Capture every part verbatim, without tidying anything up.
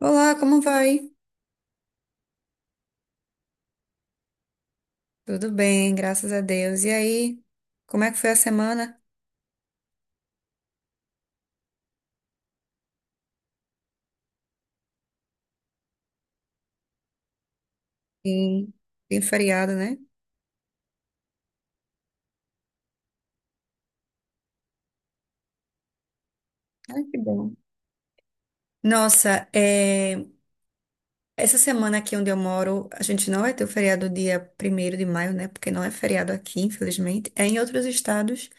Olá, como vai? Tudo bem, graças a Deus. E aí, como é que foi a semana? Sim, tem feriado, né? Ai, que bom. Nossa, é, essa semana aqui onde eu moro, a gente não vai ter o feriado dia primeiro de maio, né? Porque não é feriado aqui, infelizmente. É em outros estados,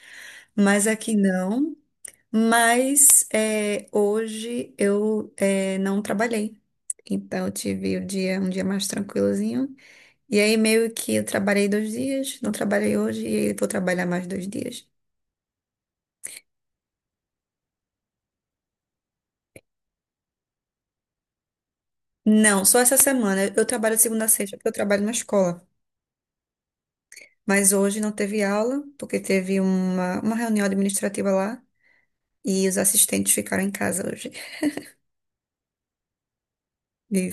mas aqui não. Mas é, hoje eu é, não trabalhei. Então eu tive o dia, um dia mais tranquilozinho. E aí meio que eu trabalhei dois dias, não trabalhei hoje e aí vou trabalhar mais dois dias. Não, só essa semana. Eu trabalho de segunda a sexta porque eu trabalho na escola. Mas hoje não teve aula porque teve uma, uma reunião administrativa lá e os assistentes ficaram em casa hoje. E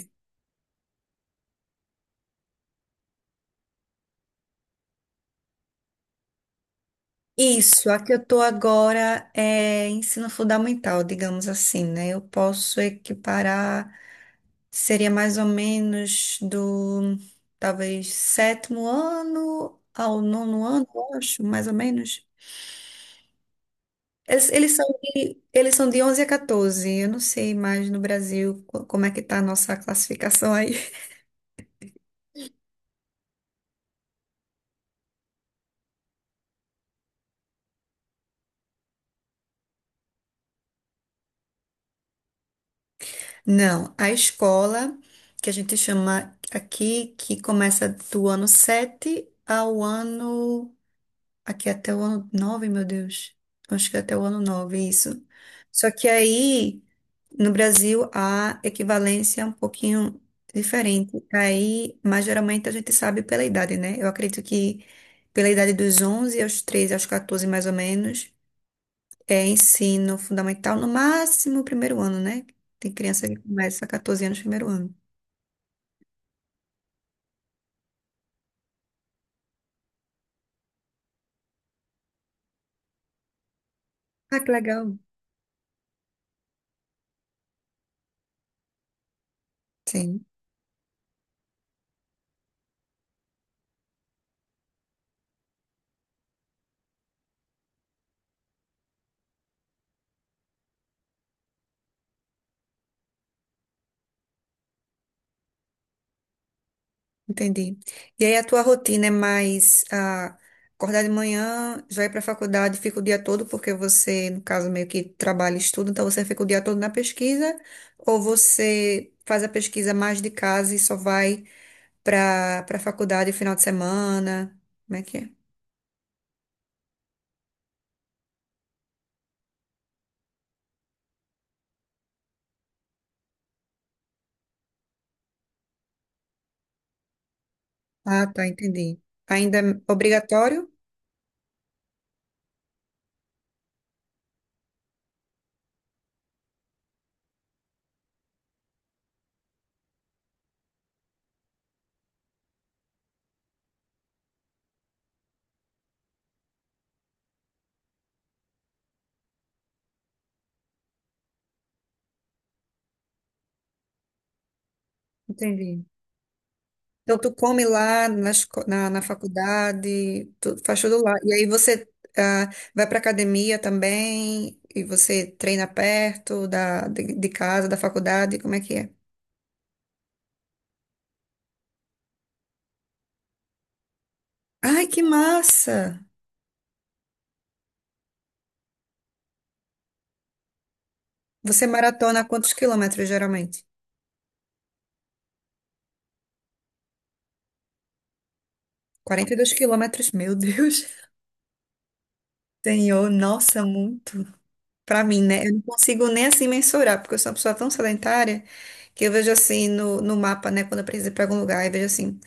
isso, aqui eu tô agora é ensino fundamental, digamos assim, né? Eu posso equiparar. Seria mais ou menos do, talvez, sétimo ano ao nono ano, eu acho, mais ou menos. Eles, eles são de, eles são de onze a quatorze. Eu não sei mais no Brasil co- como é que tá a nossa classificação aí. Não, a escola, que a gente chama aqui, que começa do ano sete ao ano. Aqui até o ano nove, meu Deus. Acho que é até o ano nove, isso. Só que aí. No Brasil, a equivalência é um pouquinho diferente. Aí, mas geralmente a gente sabe pela idade, né? Eu acredito que pela idade dos onze aos treze, aos quatorze mais ou menos, é ensino fundamental, no máximo o primeiro ano, né? Tem criança que começa a quatorze anos, primeiro ano. Ah, que legal. Sim. Entendi. E aí a tua rotina é mais ah, acordar de manhã, já ir para a faculdade, fica o dia todo, porque você, no caso, meio que trabalha e estuda, então você fica o dia todo na pesquisa, ou você faz a pesquisa mais de casa e só vai para para a faculdade final de semana? Como é que é? Ah, tá, entendi. Ainda é obrigatório? Entendi. Então, tu come lá na, esco- na, na faculdade, tu faz tudo lá. E aí você ah, vai para academia também, e você treina perto da, de, de casa, da faculdade, como é que é? Ai, que massa! Você maratona quantos quilômetros, geralmente? Quarenta e dois quilômetros, meu Deus. Senhor, nossa, muito. Pra mim, né? Eu não consigo nem assim mensurar, porque eu sou uma pessoa tão sedentária que eu vejo assim no, no mapa, né? Quando eu preciso ir pra algum lugar, eu vejo assim.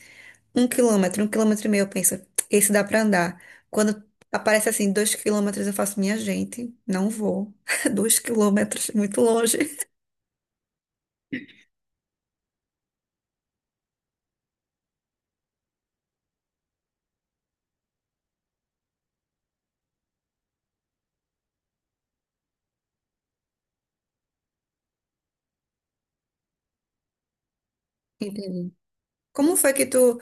Um quilômetro, um quilômetro e meio, eu penso, esse dá pra andar. Quando aparece assim, dois quilômetros, eu faço, minha gente, não vou. Dois quilômetros, muito longe. Entendi. Como foi que tu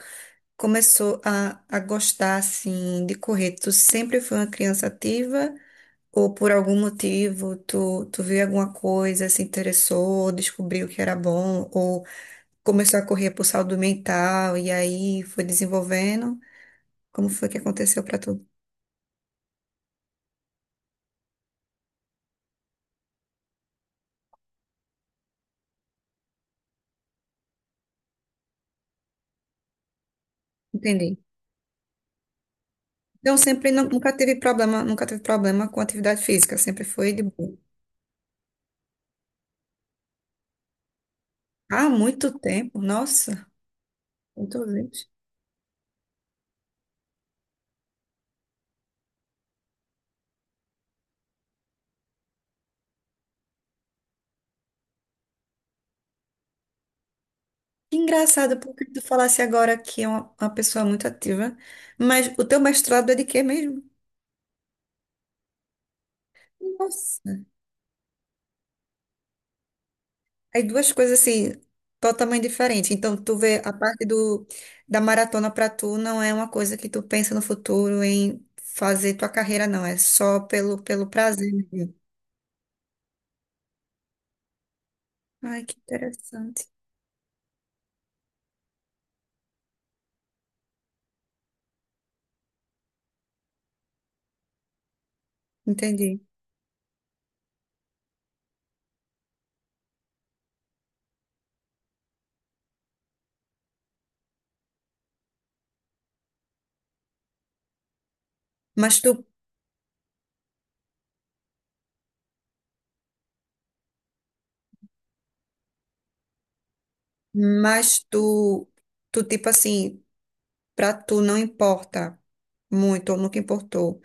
começou a, a gostar, assim, de correr? Tu sempre foi uma criança ativa? Ou por algum motivo, tu, tu viu alguma coisa, se interessou, descobriu que era bom? Ou começou a correr por saúde mental e aí foi desenvolvendo? Como foi que aconteceu pra tu? Entendi. Então, sempre nu- nunca teve problema, nunca teve problema com atividade física, sempre foi de boa. Há muito tempo, nossa, muito gente. Que engraçado, porque tu falasse agora que é uma, uma pessoa muito ativa, mas o teu mestrado é de quê mesmo? Nossa, aí duas coisas assim, totalmente diferentes. Então, tu vê a parte do, da maratona pra tu não é uma coisa que tu pensa no futuro em fazer tua carreira, não, é só pelo, pelo prazer mesmo. Ai, que interessante. Entendi. Mas tu Mas tu, tu tipo assim, pra tu não importa muito, ou nunca importou,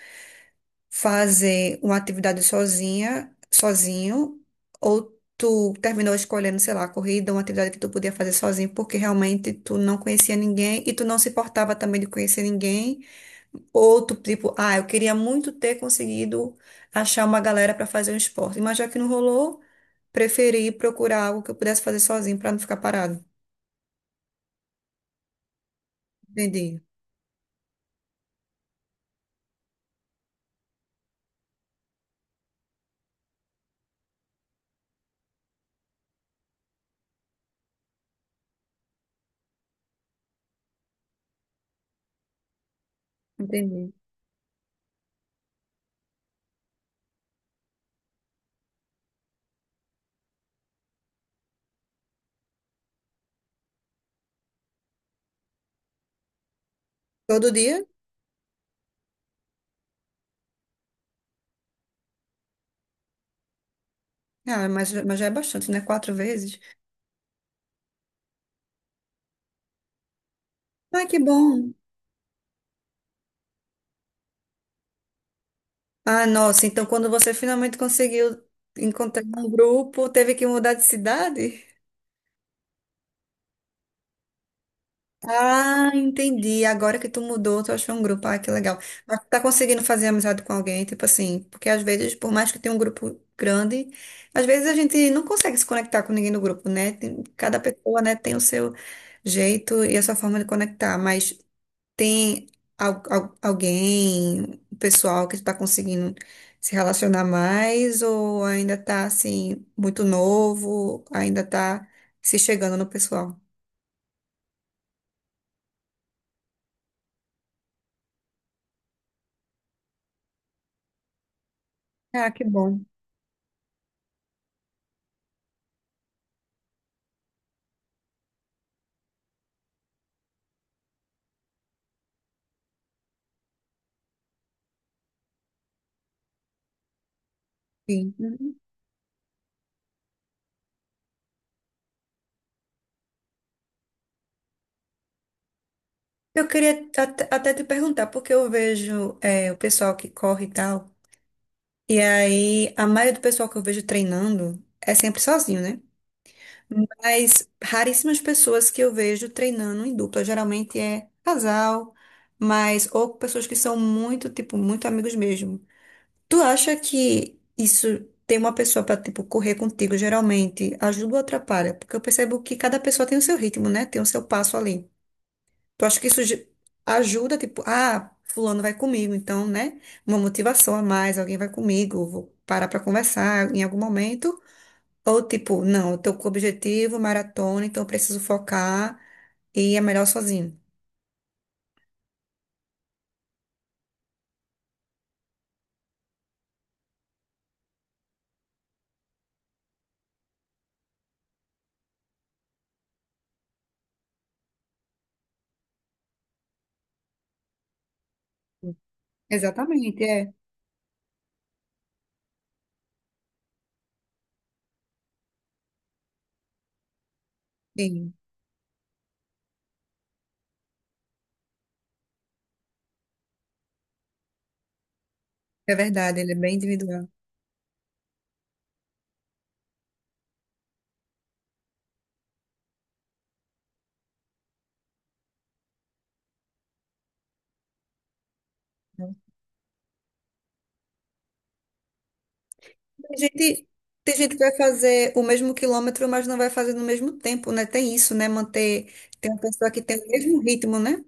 fazer uma atividade sozinha, sozinho, ou tu terminou escolhendo, sei lá, corrida, uma atividade que tu podia fazer sozinho, porque realmente tu não conhecia ninguém e tu não se importava também de conhecer ninguém, ou tu tipo, ah, eu queria muito ter conseguido achar uma galera pra fazer um esporte, mas já que não rolou, preferi procurar algo que eu pudesse fazer sozinho pra não ficar parado. Entendi, entendi. Todo dia? Ah, mas, mas já é bastante, né? Quatro vezes. Ai, que bom. Ah, nossa, então quando você finalmente conseguiu encontrar um grupo, teve que mudar de cidade? Ah, entendi. Agora que tu mudou, tu achou um grupo. Ah, que legal. Mas tu tá conseguindo fazer amizade com alguém, tipo assim, porque às vezes, por mais que tenha um grupo grande, às vezes a gente não consegue se conectar com ninguém no grupo, né? Tem- cada pessoa, né, tem o seu jeito e a sua forma de conectar, mas tem al- al- alguém, o pessoal que está conseguindo se relacionar mais ou ainda está assim muito novo, ainda está se chegando no pessoal? Ah, que bom. Sim. Uhum. Eu queria at- até te perguntar, porque eu vejo é, o pessoal que corre e tal, e aí a maioria do pessoal que eu vejo treinando é sempre sozinho, né? Mas raríssimas pessoas que eu vejo treinando em dupla. Geralmente é casal, mas ou pessoas que são muito, tipo, muito amigos mesmo. Tu acha que isso ter uma pessoa pra, tipo, correr contigo, geralmente ajuda ou atrapalha? Porque eu percebo que cada pessoa tem o seu ritmo, né? Tem o seu passo ali. Tu acha que isso ge- ajuda, tipo, ah, fulano vai comigo, então, né? Uma motivação a mais, alguém vai comigo, vou parar pra conversar em algum momento. Ou tipo, não, eu tô com o objetivo, maratona, então eu preciso focar e é melhor sozinho. Exatamente, é. Sim, é verdade, ele é bem individual. Tem gente, tem gente que vai fazer o mesmo quilômetro, mas não vai fazer no mesmo tempo, né? Tem isso, né? Manter, tem uma pessoa que tem o mesmo ritmo, né?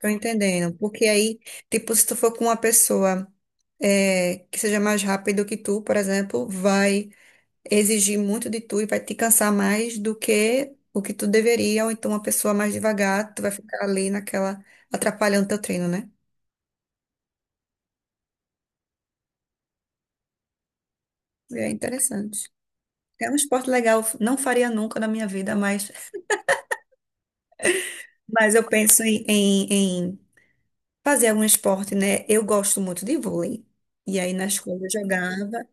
Tô entendendo. Porque aí, tipo, se tu for com uma pessoa é, que seja mais rápido que tu, por exemplo, vai exigir muito de tu e vai te cansar mais do que o que tu deveria, ou então uma pessoa mais devagar, tu vai ficar ali naquela, atrapalhando teu treino, né? É interessante. É um esporte legal, não faria nunca na minha vida, mas, mas eu penso em, em, em fazer algum esporte, né? Eu gosto muito de vôlei. E aí na escola eu jogava.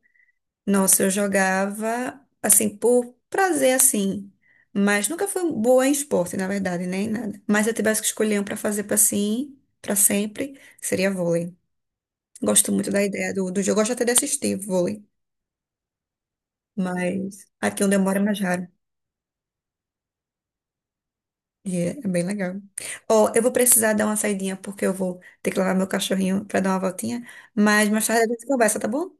Nossa, eu jogava assim por prazer assim, mas nunca fui boa em esporte, na verdade, nem nada. Mas se eu tivesse que escolher um para fazer para sim, para sempre, seria vôlei. Gosto muito da ideia do, do jogo, gosto até de assistir vôlei, mas aqui onde eu moro é mais raro. E é é bem legal. Ó, eu vou precisar dar uma saidinha porque eu vou ter que levar meu cachorrinho para dar uma voltinha, mas mais tarde a gente conversa, tá bom?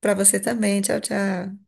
Para você também. Tchau, tchau.